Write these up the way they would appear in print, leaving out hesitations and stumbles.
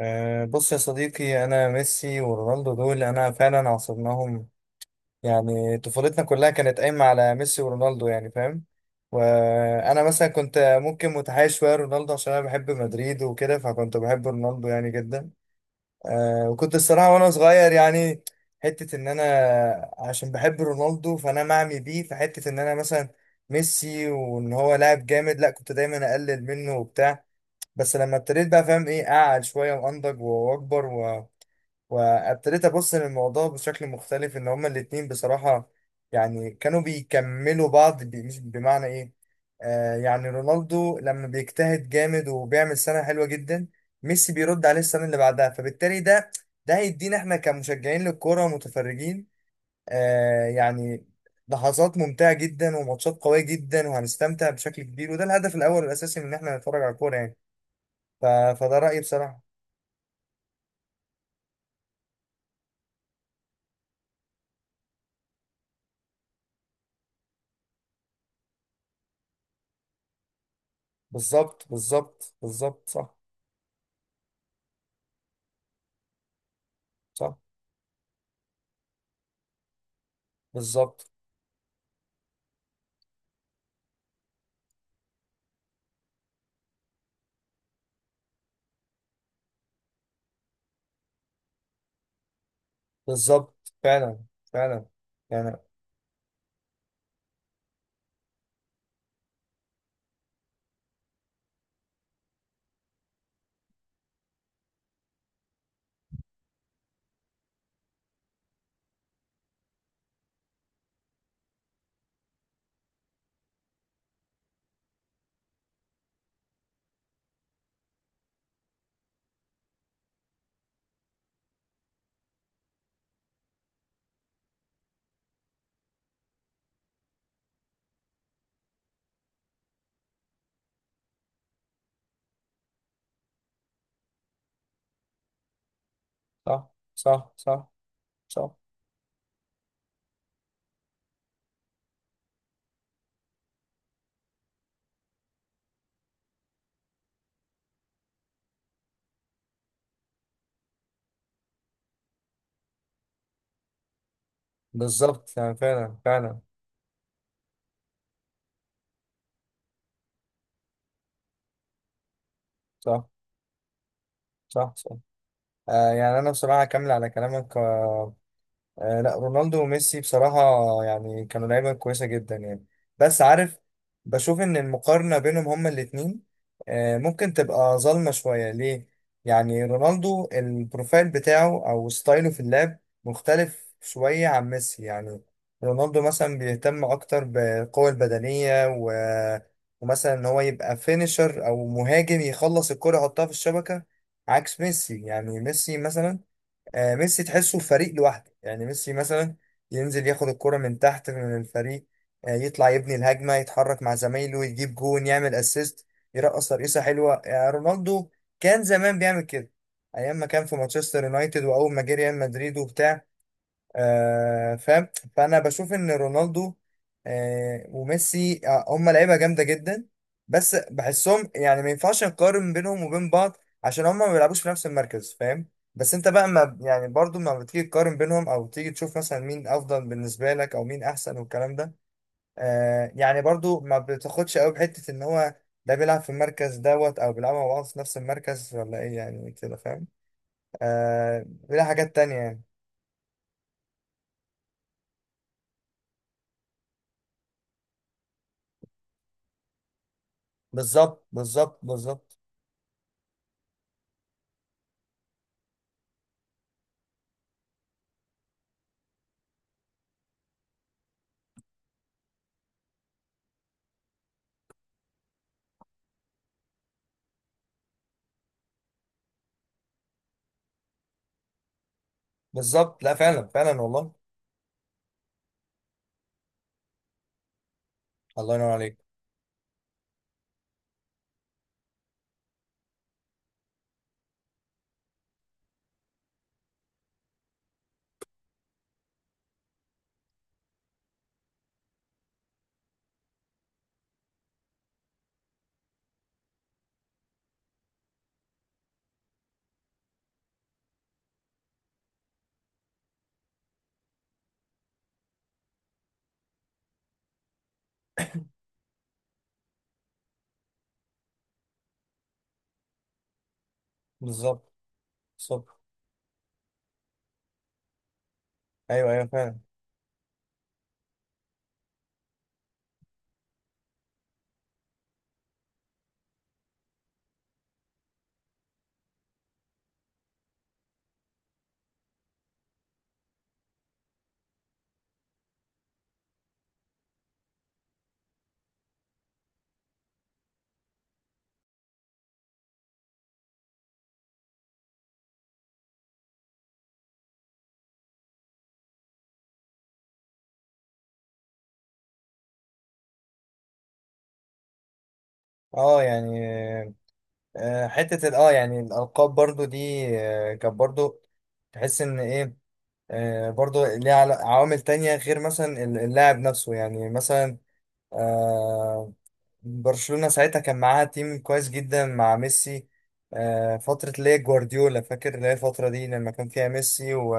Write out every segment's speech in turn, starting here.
بص يا صديقي، انا ميسي ورونالدو دول انا فعلا عاصرناهم. يعني طفولتنا كلها كانت قايمه على ميسي ورونالدو، يعني فاهم. وانا مثلا كنت ممكن متحيز شويه رونالدو عشان انا بحب مدريد وكده، فكنت بحب رونالدو يعني جدا. أه، وكنت الصراحه وانا صغير يعني حته ان انا عشان بحب رونالدو فانا معمي بيه في حته ان انا مثلا ميسي وان هو لاعب جامد لا، كنت دايما اقلل منه وبتاع. بس لما ابتديت بقى فاهم ايه، قاعد شويه وانضج واكبر وابتديت ابص للموضوع بشكل مختلف، ان هما الاتنين بصراحه يعني كانوا بيكملوا بعض، مش بمعنى ايه. يعني رونالدو لما بيجتهد جامد وبيعمل سنه حلوه جدا، ميسي بيرد عليه السنه اللي بعدها. فبالتالي ده، ده هيدينا احنا كمشجعين للكوره ومتفرجين آه يعني لحظات ممتعه جدا وماتشات قويه جدا، وهنستمتع بشكل كبير. وده الهدف الاول والاساسي من ان احنا نتفرج على الكوره يعني. ف... فده رأيي بصراحة. بالظبط، صح. صح. بالظبط بالظبط، فعلا فعلا يعني. صح. صح. صح. صح. بالظبط يعني فعلا فعلا. صح. صح. صح. آه يعني أنا بصراحة أكمل على كلامك. آه لا، رونالدو وميسي بصراحة يعني كانوا لعيبة كويسة جدا يعني. بس عارف، بشوف إن المقارنة بينهم هما الاتنين آه ممكن تبقى ظالمة شوية ليه؟ يعني رونالدو البروفايل بتاعه أو ستايله في اللعب مختلف شوية عن ميسي يعني. رونالدو مثلا بيهتم أكتر بالقوة البدنية ومثلا إن هو يبقى فينيشر أو مهاجم، يخلص الكرة يحطها في الشبكة. عكس ميسي يعني. ميسي مثلا، ميسي تحسه فريق لوحده. يعني ميسي مثلا ينزل ياخد الكرة من تحت من الفريق، يطلع يبني الهجمة، يتحرك مع زمايله، يجيب جون، يعمل اسيست، يرقص ترقيصة حلوة. يعني رونالدو كان زمان بيعمل كده، ايام ما كان في مانشستر يونايتد واول ما جه ريال مدريد وبتاع. آه فاهم. فانا بشوف ان رونالدو آه وميسي آه هم لعيبه جامده جدا، بس بحسهم يعني ما ينفعش نقارن بينهم وبين بعض عشان هم ما بيلعبوش في نفس المركز، فاهم. بس انت بقى ما يعني برضو ما بتيجي تقارن بينهم او تيجي تشوف مثلا مين افضل بالنسبه لك او مين احسن والكلام ده، آه يعني برضو ما بتاخدش قوي بحته ان هو ده بيلعب في المركز دوت او بيلعبوا مع بعض في نفس المركز ولا ايه يعني، كده فاهم. آه بيلعب حاجات تانية يعني. بالظبط، بالظبط لا فعلا فعلا والله. الله ينور عليك. بالظبط بالظبط. ايوه ايوه فعلا. اه يعني، آه، حته ال- اه يعني الالقاب برضو دي آه كانت برضو تحس ان ايه، آه برضو ليها عوامل تانية غير مثلا اللاعب نفسه يعني. مثلا آه، برشلونة ساعتها كان معاها تيم كويس جدا مع ميسي. آه، فترة اللي هي جوارديولا، فاكر اللي هي الفترة دي لما كان فيها ميسي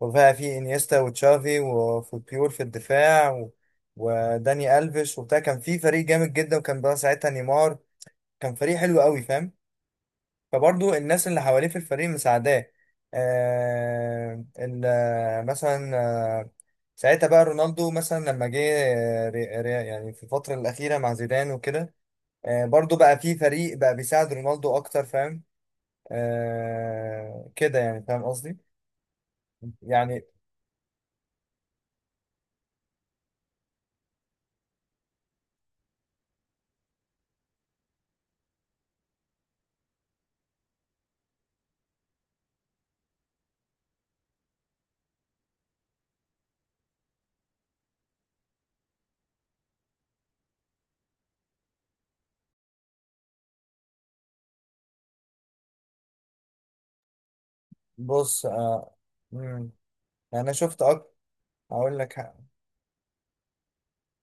وفيها في انيستا وتشافي وفوتبيول في الدفاع وداني ألفيش وبتاع، كان في فريق جامد جدا. وكان بقى ساعتها نيمار، كان فريق حلو قوي فاهم. فبرضه الناس اللي حواليه في الفريق مساعداه. آه... ال... مثلا آه، ساعتها بقى رونالدو مثلا لما جه آه، يعني في الفترة الأخيرة مع زيدان وكده، آه برضو بقى في فريق بقى بيساعد رونالدو اكتر فاهم. آه كده يعني، فاهم قصدي يعني. بص آه مم، يعني انا شفت اكتر. هقول لك حق.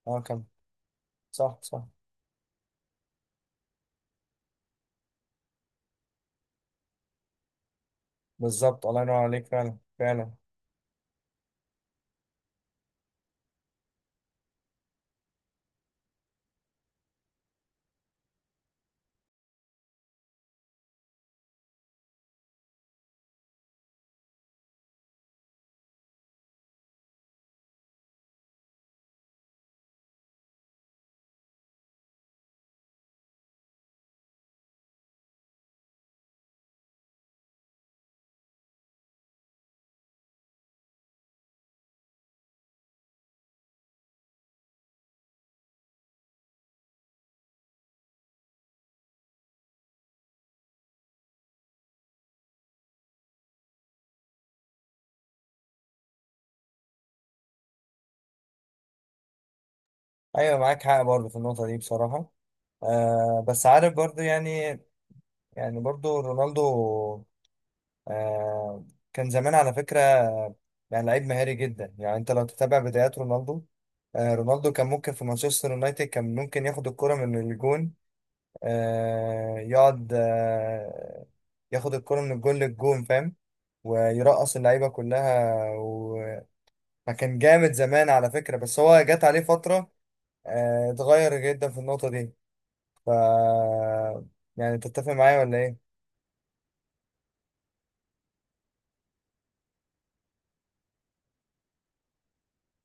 اه كم، صح صح. بالظبط. الله ينور عليك، فعلا فعلا. ايوه معاك حق برضو في النقطه دي بصراحه. آه بس عارف برضو يعني، يعني برضو رونالدو آه كان زمان على فكرة آه، يعني لعيب مهاري جدا. يعني انت لو تتابع بدايات رونالدو آه، رونالدو كان ممكن في مانشستر يونايتد كان ممكن ياخد الكرة من الجون، آه يقعد آه ياخد الكرة من الجون للجون، فاهم، ويرقص اللعيبة كلها، وكان جامد زمان على فكرة. بس هو جات عليه فترة آه اتغير جدا في النقطة دي. ف يعني تتفق معايا ولا ايه؟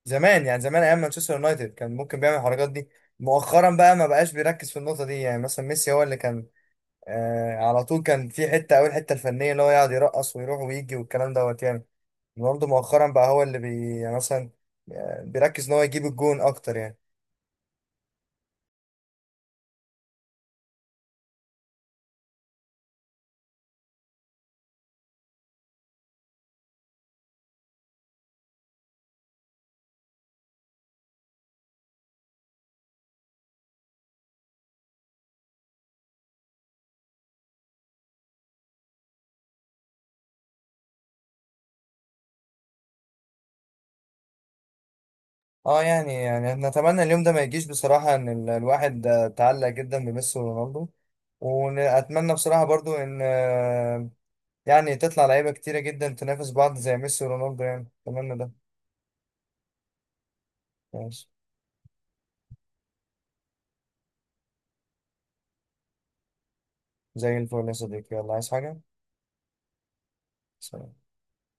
زمان يعني زمان ايام مانشستر يونايتد كان ممكن بيعمل الحركات دي. مؤخرا بقى ما بقاش بيركز في النقطه دي. يعني مثلا ميسي هو اللي كان آه على طول كان في حته قوي، الحته الفنيه اللي هو يقعد يرقص ويروح ويجي والكلام دوت يعني. رونالدو مؤخرا بقى هو اللي بي يعني مثلا آه بيركز ان هو يجيب الجون اكتر يعني. اه يعني، يعني نتمنى اليوم ده ما يجيش بصراحه، ان الواحد آه تعلق جدا بميسي ورونالدو. واتمنى بصراحه برضو ان آه يعني تطلع لعيبه كتيره جدا تنافس بعض زي ميسي ورونالدو، يعني اتمنى ده. ماشي، زي الفل يا صديقي، يلا عايز حاجة؟ سلام.